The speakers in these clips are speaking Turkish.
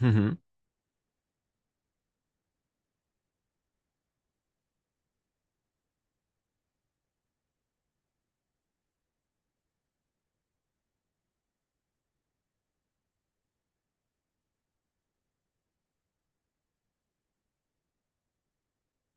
Hı hı.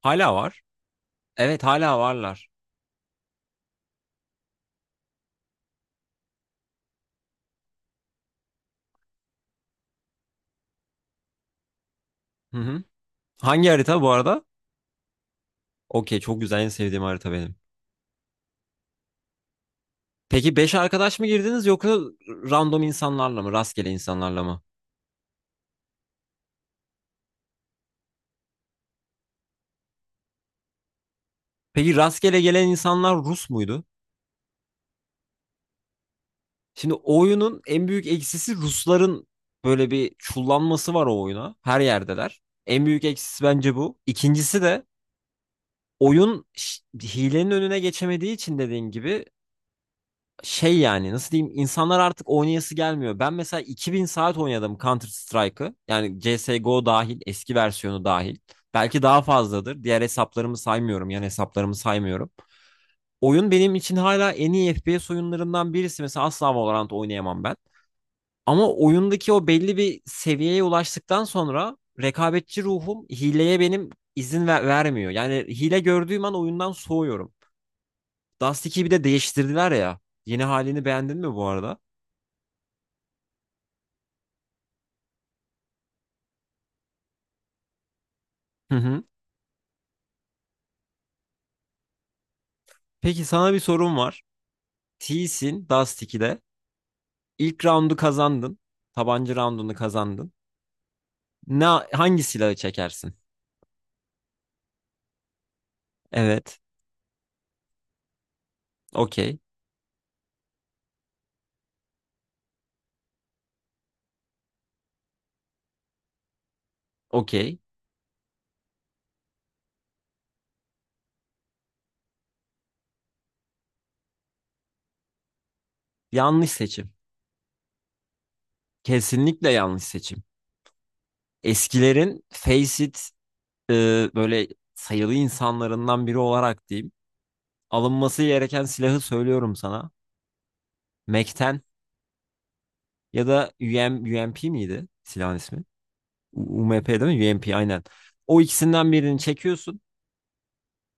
Hala var. Evet, hala varlar. Hı hı. Hangi harita bu arada? Okey, çok güzel, en sevdiğim harita benim. Peki 5 arkadaş mı girdiniz yoksa random insanlarla mı? Rastgele insanlarla mı? Peki rastgele gelen insanlar Rus muydu? Şimdi oyunun en büyük eksisi Rusların böyle bir çullanması var o oyuna. Her yerdeler. En büyük eksisi bence bu. İkincisi de oyun hilenin önüne geçemediği için, dediğin gibi şey, yani nasıl diyeyim, insanlar artık oynayası gelmiyor. Ben mesela 2000 saat oynadım Counter Strike'ı. Yani CS:GO dahil, eski versiyonu dahil. Belki daha fazladır. Diğer hesaplarımı saymıyorum. Yani hesaplarımı saymıyorum. Oyun benim için hala en iyi FPS oyunlarından birisi. Mesela asla Valorant oynayamam ben. Ama oyundaki o belli bir seviyeye ulaştıktan sonra rekabetçi ruhum hileye benim izin vermiyor. Yani hile gördüğüm an oyundan soğuyorum. Dust 2'yi bir de değiştirdiler ya. Yeni halini beğendin mi bu arada? Hı hı. Peki sana bir sorum var. T'sin Dust 2'de. İlk roundu kazandın. Tabanca roundunu kazandın. Ne, hangi silahı çekersin? Evet. Okey. Okey. Yanlış seçim. Kesinlikle yanlış seçim. Eskilerin face it e, böyle sayılı insanlarından biri olarak diyeyim. Alınması gereken silahı söylüyorum sana. Mac'ten ya da UMP miydi silahın ismi? UMP değil mi? UMP aynen. O ikisinden birini çekiyorsun.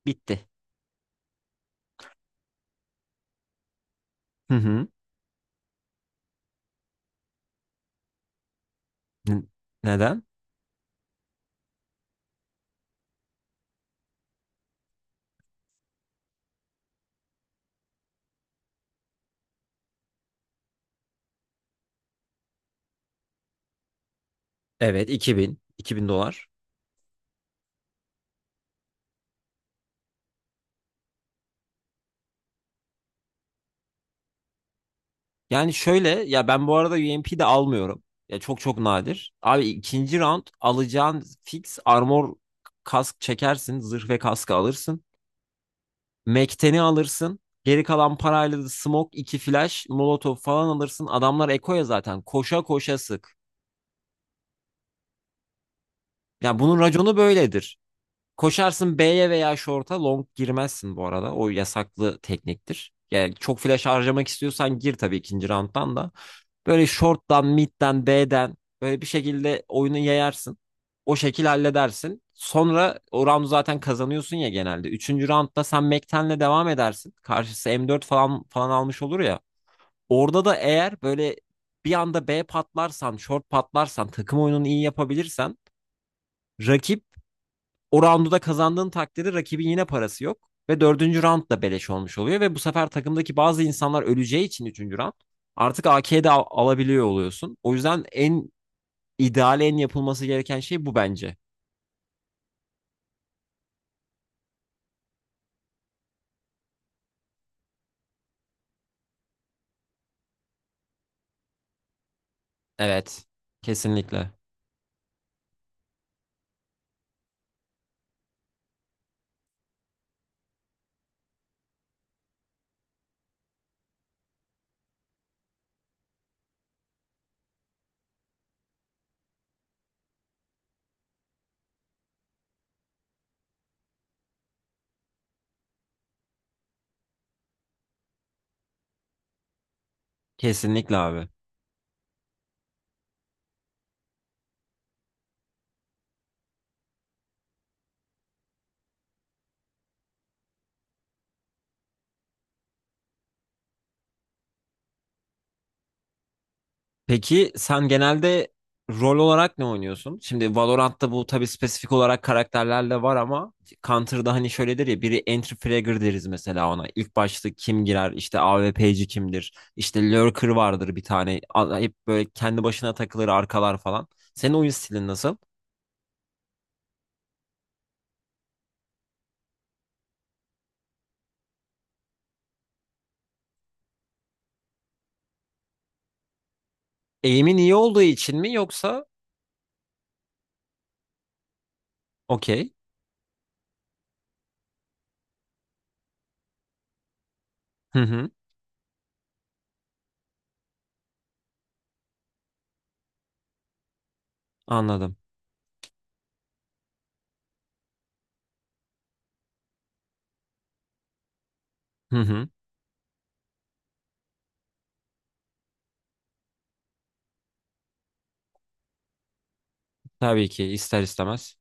Bitti. Hı hı. N- Neden? Evet, 2000. 2000 dolar. Yani şöyle ya, ben bu arada UMP de almıyorum. Ya çok çok nadir. Abi, ikinci round alacağın fix armor, kask çekersin. Zırh ve kaskı alırsın. Mekten'i alırsın. Geri kalan parayla da smoke, iki flash, molotov falan alırsın. Adamlar ekoya zaten. Koşa koşa sık. Ya bunun raconu böyledir. Koşarsın B'ye veya short'a, long girmezsin bu arada. O yasaklı tekniktir. Yani çok flash harcamak istiyorsan gir tabii, ikinci round'dan da. Böyle short'tan, mid'den, B'den böyle bir şekilde oyunu yayarsın. O şekil halledersin. Sonra o round'u zaten kazanıyorsun ya genelde. Üçüncü round'da sen Mekten'le devam edersin. Karşısı M4 falan falan almış olur ya. Orada da eğer böyle bir anda B patlarsan, short patlarsan, takım oyununu iyi yapabilirsen, rakip, o roundu da kazandığın takdirde rakibin yine parası yok. Ve dördüncü round da beleş olmuş oluyor. Ve bu sefer takımdaki bazı insanlar öleceği için üçüncü round artık AK'de alabiliyor oluyorsun. O yüzden en ideal, en yapılması gereken şey bu bence. Evet. Kesinlikle. Kesinlikle abi. Peki sen genelde rol olarak ne oynuyorsun? Şimdi Valorant'ta bu tabii spesifik olarak karakterlerle var, ama Counter'da hani şöyledir ya, biri entry fragger deriz mesela ona. İlk başta kim girer, işte AWP'ci kimdir, işte lurker vardır bir tane, hep böyle kendi başına takılır, arkalar falan. Senin oyun stilin nasıl? Aim'in iyi olduğu için mi, yoksa? Okey. Hı hı, anladım. Hı hı, tabii ki ister istemez.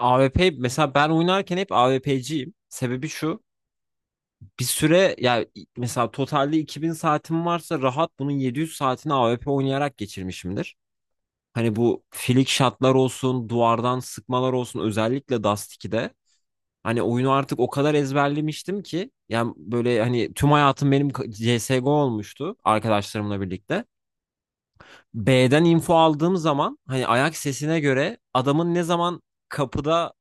A W P mesela, ben oynarken hep AWP'ciyim. Sebebi şu. Bir süre ya, mesela totalde 2000 saatim varsa rahat bunun 700 saatini AWP oynayarak geçirmişimdir. Hani bu filik shotlar olsun, duvardan sıkmalar olsun, özellikle Dust 2'de. Hani oyunu artık o kadar ezberlemiştim ki, yani böyle, hani tüm hayatım benim CSGO olmuştu arkadaşlarımla birlikte. B'den info aldığım zaman hani ayak sesine göre adamın ne zaman kapıda,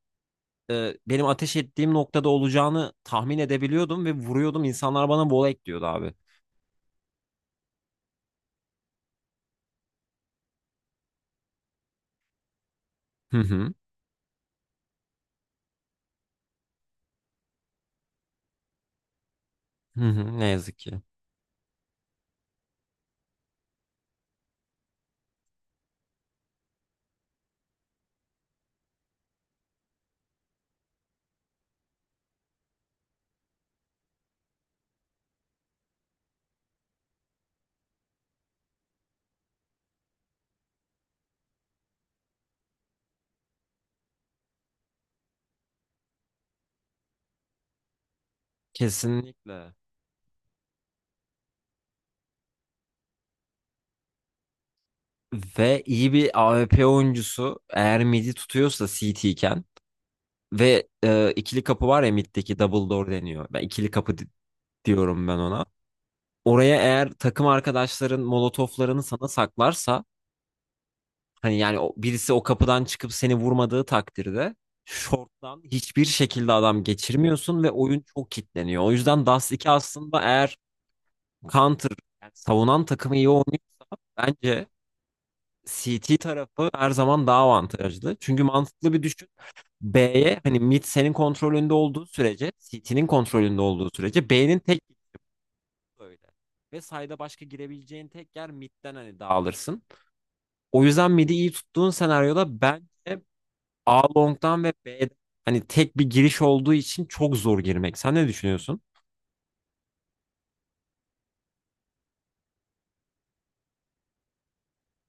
benim ateş ettiğim noktada olacağını tahmin edebiliyordum ve vuruyordum. İnsanlar bana volek diyordu abi. Hı hı. Hı hı. Ne yazık ki. Kesinlikle. Ve iyi bir A W P oyuncusu eğer midi tutuyorsa C T iken, ve ikili kapı var ya, middeki double door deniyor. Ben ikili kapı diyorum ben ona. Oraya eğer takım arkadaşların molotoflarını sana saklarsa, hani yani o, birisi o kapıdan çıkıp seni vurmadığı takdirde short'tan hiçbir şekilde adam geçirmiyorsun ve oyun çok kilitleniyor. O yüzden Dust iki aslında, eğer counter, yani savunan takımı iyi oynuyor. Bence CT tarafı her zaman daha avantajlı. Çünkü mantıklı bir düşün. B'ye, hani mid senin kontrolünde olduğu sürece, CT'nin kontrolünde olduğu sürece, B'nin tek gittiği öyle. Ve sayda başka girebileceğin tek yer midden, hani dağılırsın. O yüzden mid'i iyi tuttuğun senaryoda bence A long'dan ve B'den, hani tek bir giriş olduğu için çok zor girmek. Sen ne düşünüyorsun?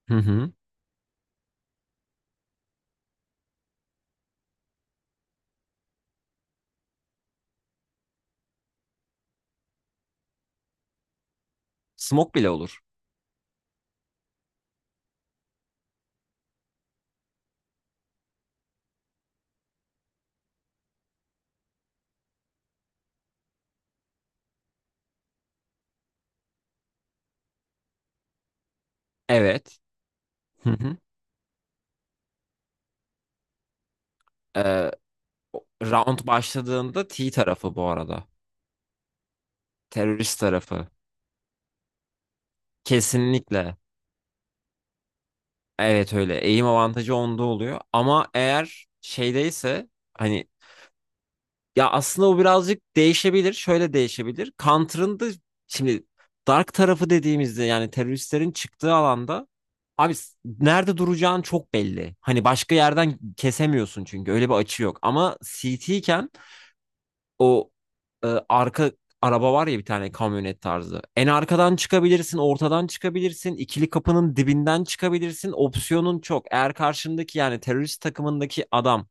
Hı hı. Smoke bile olur. Evet. Hı hı. Ee, round başladığında T tarafı bu arada. Terörist tarafı. Kesinlikle. Evet öyle. Eğim avantajı onda oluyor. Ama eğer şeydeyse, hani, ya aslında o birazcık değişebilir. Şöyle değişebilir. Counter'ın da şimdi dark tarafı dediğimizde, yani teröristlerin çıktığı alanda, abi nerede duracağın çok belli. Hani başka yerden kesemiyorsun çünkü öyle bir açı yok. Ama CT, o arka araba var ya, bir tane kamyonet tarzı. En arkadan çıkabilirsin, ortadan çıkabilirsin, ikili kapının dibinden çıkabilirsin. Opsiyonun çok. Eğer karşındaki, yani terörist takımındaki adam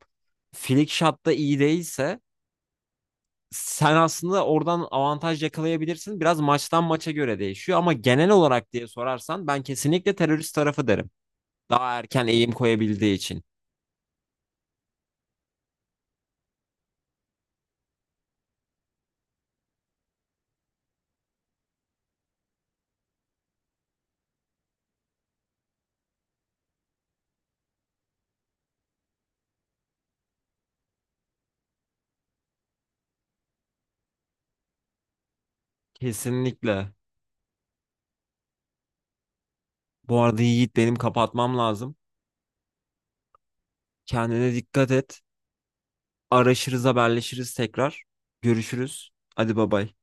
flick shot'ta iyi değilse sen aslında oradan avantaj yakalayabilirsin. Biraz maçtan maça göre değişiyor, ama genel olarak diye sorarsan ben kesinlikle terörist tarafı derim. Daha erken eğim koyabildiği için. Kesinlikle. Bu arada Yiğit, benim kapatmam lazım. Kendine dikkat et. Araşırız, haberleşiriz tekrar. Görüşürüz. Hadi bay bay.